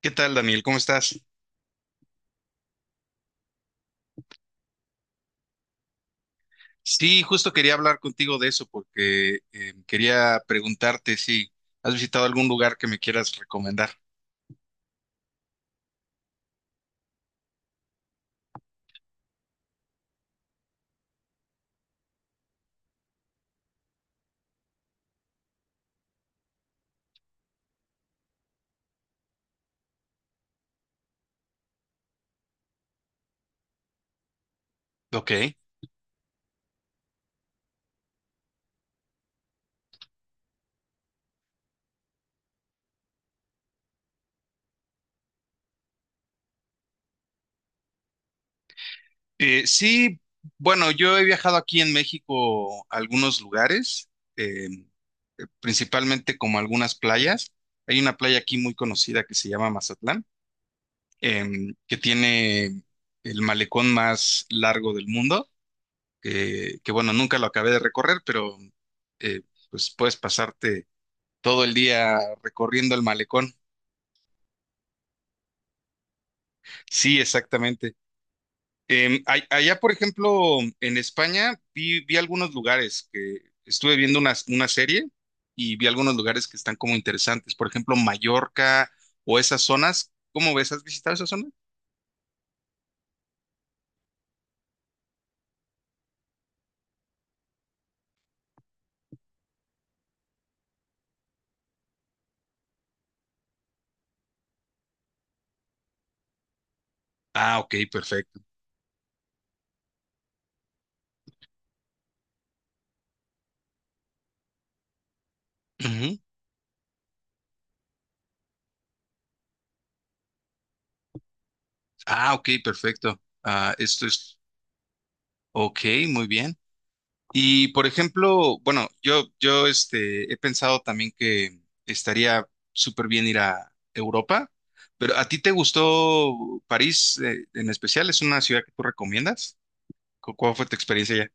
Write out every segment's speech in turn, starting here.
¿Qué tal, Daniel? ¿Cómo estás? Sí, justo quería hablar contigo de eso porque quería preguntarte si has visitado algún lugar que me quieras recomendar. Ok. Sí, bueno, yo he viajado aquí en México a algunos lugares, eh, principalmente como algunas playas. Hay una playa aquí muy conocida que se llama Mazatlán, que tiene el malecón más largo del mundo, que, bueno, nunca lo acabé de recorrer, pero eh, pues puedes pasarte todo el día recorriendo el malecón. Sí, exactamente. Allá, por ejemplo, en España, vi algunos lugares que estuve viendo una serie y vi algunos lugares que están como interesantes. Por ejemplo, Mallorca o esas zonas. ¿Cómo ves? ¿Has visitado esas zonas? Ah, ok, perfecto. Ujú. Ah, ok, perfecto. Ah, esto es, ok, muy bien. Y por ejemplo, bueno, yo este, he pensado también que estaría súper bien ir a Europa, pero ¿a ti te gustó París en especial? ¿Es una ciudad que tú recomiendas? ¿Cuál fue tu experiencia allá?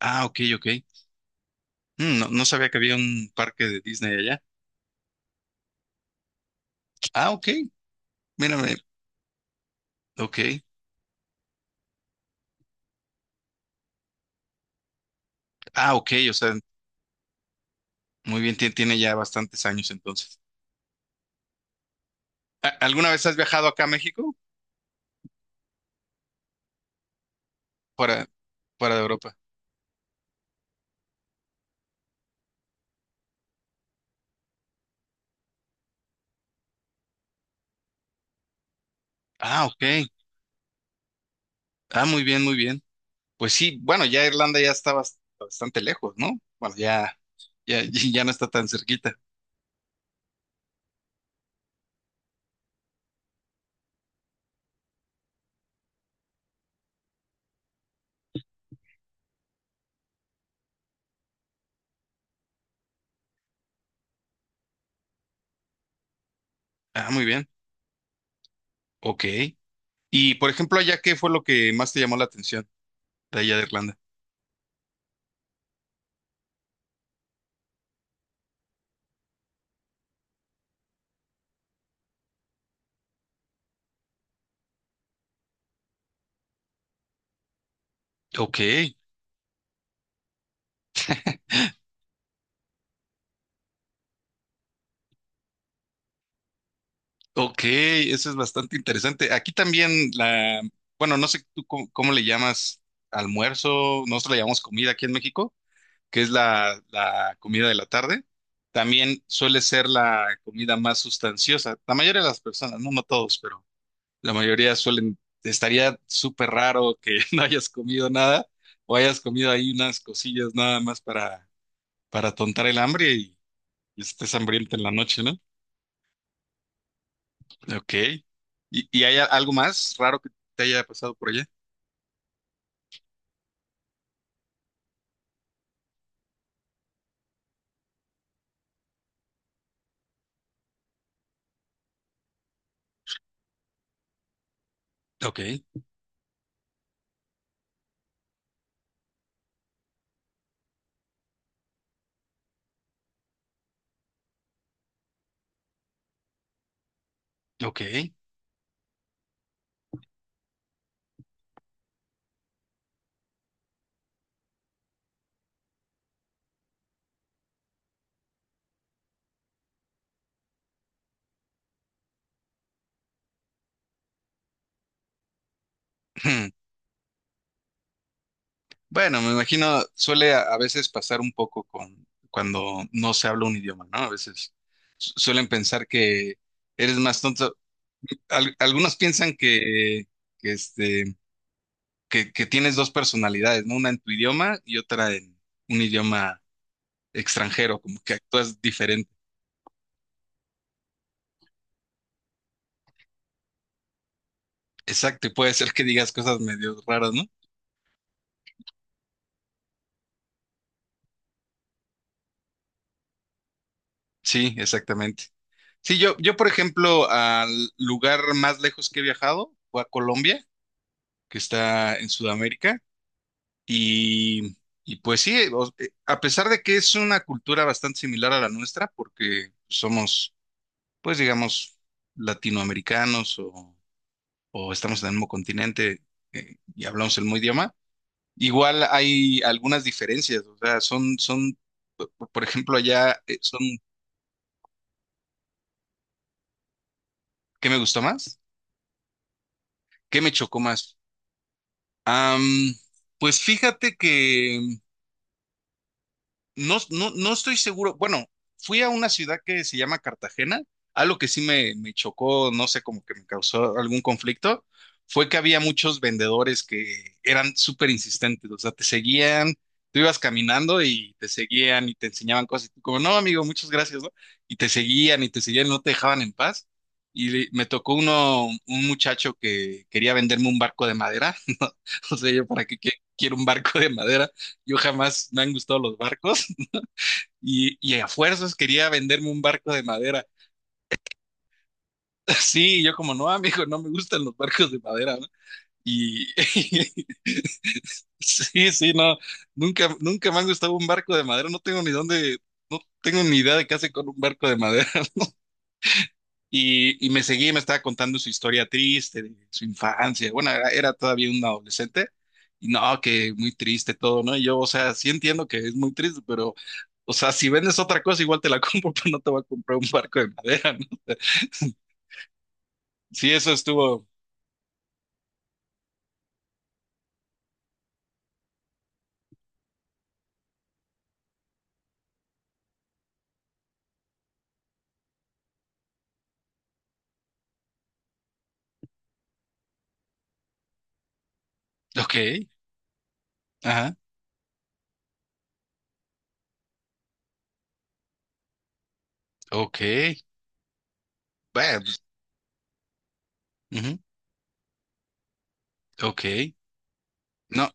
Ah, ok, ok. Mm, no, no sabía que había un parque de Disney allá. Ah, ok, mírame, ok. Ah, ok, o sea, muy bien, tiene ya bastantes años entonces. ¿Alguna vez has viajado acá a México? Para, para Europa. Ah, ok. Ah, muy bien, muy bien. Pues sí, bueno, ya Irlanda ya está bastante lejos, ¿no? Bueno, ya, ya, ya no está tan cerquita. Ah, muy bien. Ok. Y por ejemplo, allá, ¿qué fue lo que más te llamó la atención de allá de Irlanda? Ok, ok, eso es bastante interesante. Aquí también la, bueno, no sé tú cómo le llamas almuerzo, nosotros le llamamos comida aquí en México, que es la comida de la tarde. También suele ser la comida más sustanciosa. La mayoría de las personas, no, no todos, pero la mayoría suelen, estaría súper raro que no hayas comido nada o hayas comido ahí unas cosillas nada más para tontar el hambre y estés hambriento en la noche, ¿no? Ok. Y, ¿y hay algo más raro que te haya pasado por allá? Ok, ok. Bueno, me imagino, suele a veces pasar un poco con cuando no se habla un idioma, ¿no? A veces suelen pensar que eres más tonto. Algunos piensan que este, que tienes dos personalidades, ¿no? Una en tu idioma y otra en un idioma extranjero, como que actúas diferente. Exacto, y puede ser que digas cosas medio raras, ¿no? Sí, exactamente. Sí, yo, por ejemplo, al lugar más lejos que he viajado fue a Colombia, que está en Sudamérica, y, y pues sí, o- a pesar de que es una cultura bastante similar a la nuestra, porque somos, pues digamos, latinoamericanos o estamos en el mismo continente y hablamos el mismo idioma. Igual hay algunas diferencias, o sea, son, son, p- por ejemplo, allá son, ¿qué me gustó más? ¿Qué me chocó más? Am, pues fíjate que no, no, no estoy seguro. Bueno, fui a una ciudad que se llama Cartagena. Algo que sí me chocó, no sé, como que me causó algún conflicto, fue que había muchos vendedores que eran súper insistentes. O sea, te seguían, tú ibas caminando y te seguían y te enseñaban cosas. Y tú como, no, amigo, muchas gracias, ¿no? Y te seguían, no te dejaban en paz. Y me tocó uno, un muchacho que quería venderme un barco de madera, ¿no? O sea, yo, ¿para qué quiero un barco de madera? Yo jamás me han gustado los barcos y a fuerzas quería venderme un barco de madera. Sí, yo como, no, amigo, no me gustan los barcos de madera, ¿no? Y sí, sí, no, nunca, nunca me ha gustado un barco de madera, no tengo ni dónde, no tengo ni idea de qué hace con un barco de madera. Y me seguía y me estaba contando su historia triste, de su infancia. Bueno, era todavía un adolescente. Y no, que muy triste todo, ¿no? Y yo, o sea, sí entiendo que es muy triste, pero, o sea, si vendes otra cosa, igual te la compro, pero no te voy a comprar un barco de madera, ¿no? Sí, eso estuvo. Ok, ajá, ok. Bueno, pues, ujú, ok. No,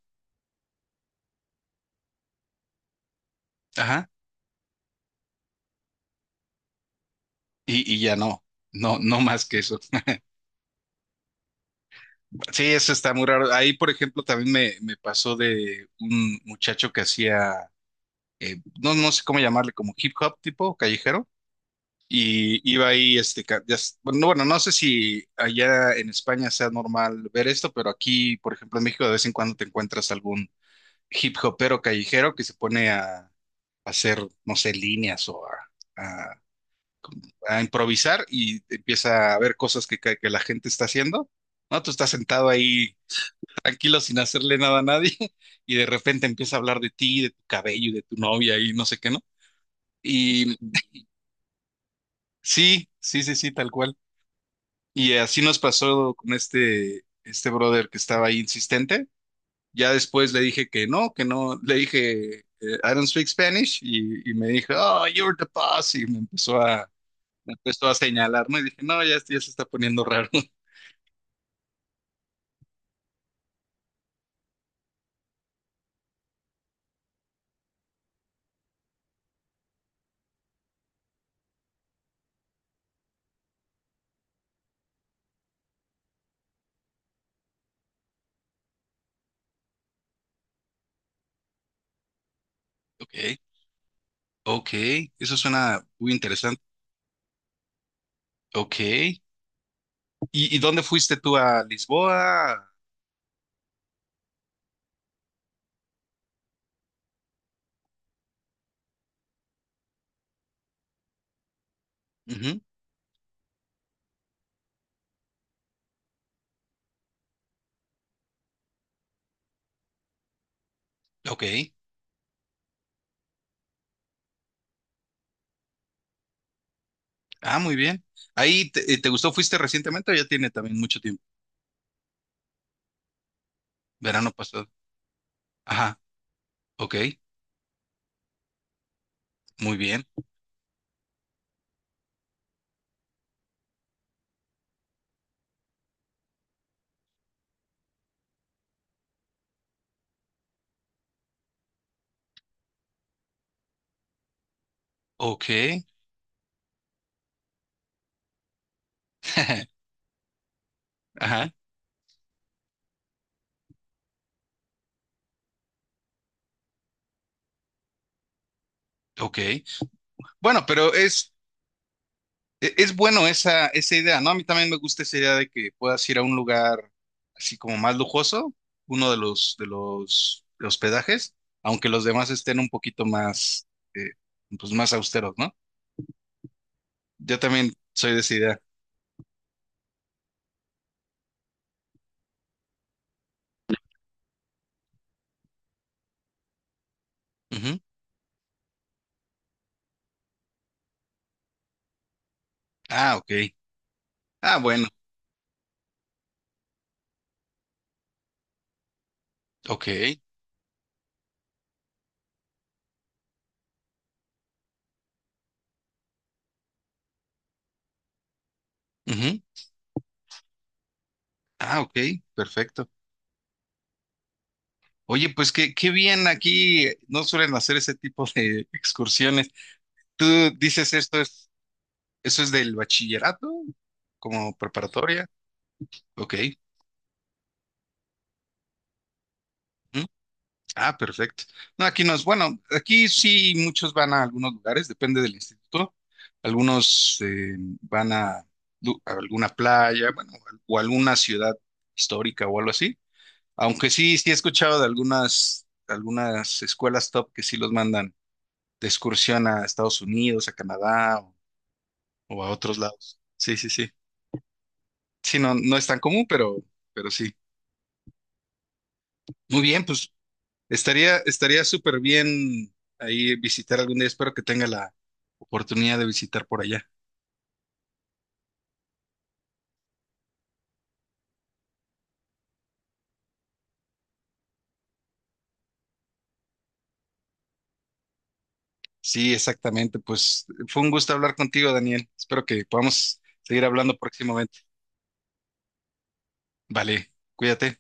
ajá. Y ya no, no, no más que eso. Sí, eso está muy raro. Ahí, por ejemplo, también me pasó de un muchacho que hacía no, no sé cómo llamarle, como hip hop tipo callejero. Y iba ahí, este, ca- ya s- bueno, no- bueno, no sé si allá en España sea normal ver esto, pero aquí, por ejemplo, en México de vez en cuando te encuentras algún hip hopero callejero que se pone a hacer, no sé, líneas o a- a improvisar y empieza a ver cosas que la gente está haciendo, ¿no? Tú estás sentado ahí tranquilo sin hacerle nada a nadie y de repente empieza a hablar de ti, de tu cabello, y de tu novia y no sé qué, ¿no? Sí, sí, sí, sí, tal cual. Y así nos pasó con este, brother que estaba ahí insistente. Ya después le dije que no, que no. Le dije, I don't speak Spanish. Y me dijo, oh, you're the boss. Y me empezó a señalarme. Y dije, no, ya, esto ya se está poniendo raro. Ok, ok. Eso suena muy interesante. Ok. Y, ¿y dónde fuiste tú a Lisboa? Ujú, ok. Ah, muy bien. Ahí, te, ¿te gustó? ¿Fuiste recientemente o ya tiene también mucho tiempo? Verano pasado. Ajá. Ok, muy bien. Ok. Ajá, ok. Bueno, pero es, es bueno esa idea, ¿no? A mí también me gusta esa idea de que puedas ir a un lugar así como más lujoso, uno de los hospedajes, aunque los demás estén un poquito más, eh, pues más austeros, ¿no? Yo también soy de esa idea. Ujú. Ah, ok. Ah, bueno, ok. Ujú. Ah, ok, perfecto. Oye, pues qué, qué bien aquí, no suelen hacer ese tipo de excursiones. ¿Tú dices esto es, eso es del bachillerato? ¿Como preparatoria? Ok. ¿Mm? Ah, perfecto. No, aquí no es, bueno, aquí sí muchos van a algunos lugares, depende del instituto. Algunos van a, lu- a alguna playa, bueno, o alguna ciudad histórica o algo así. Aunque sí, sí he escuchado de algunas escuelas top que sí los mandan de excursión a Estados Unidos, a Canadá o a otros lados. Sí, sí, sí. Sí, no, no es tan común, pero sí. Muy bien, pues estaría súper bien ahí visitar algún día. Espero que tenga la oportunidad de visitar por allá. Sí, exactamente. Pues fue un gusto hablar contigo, Daniel. Espero que podamos seguir hablando próximamente. Vale, cuídate.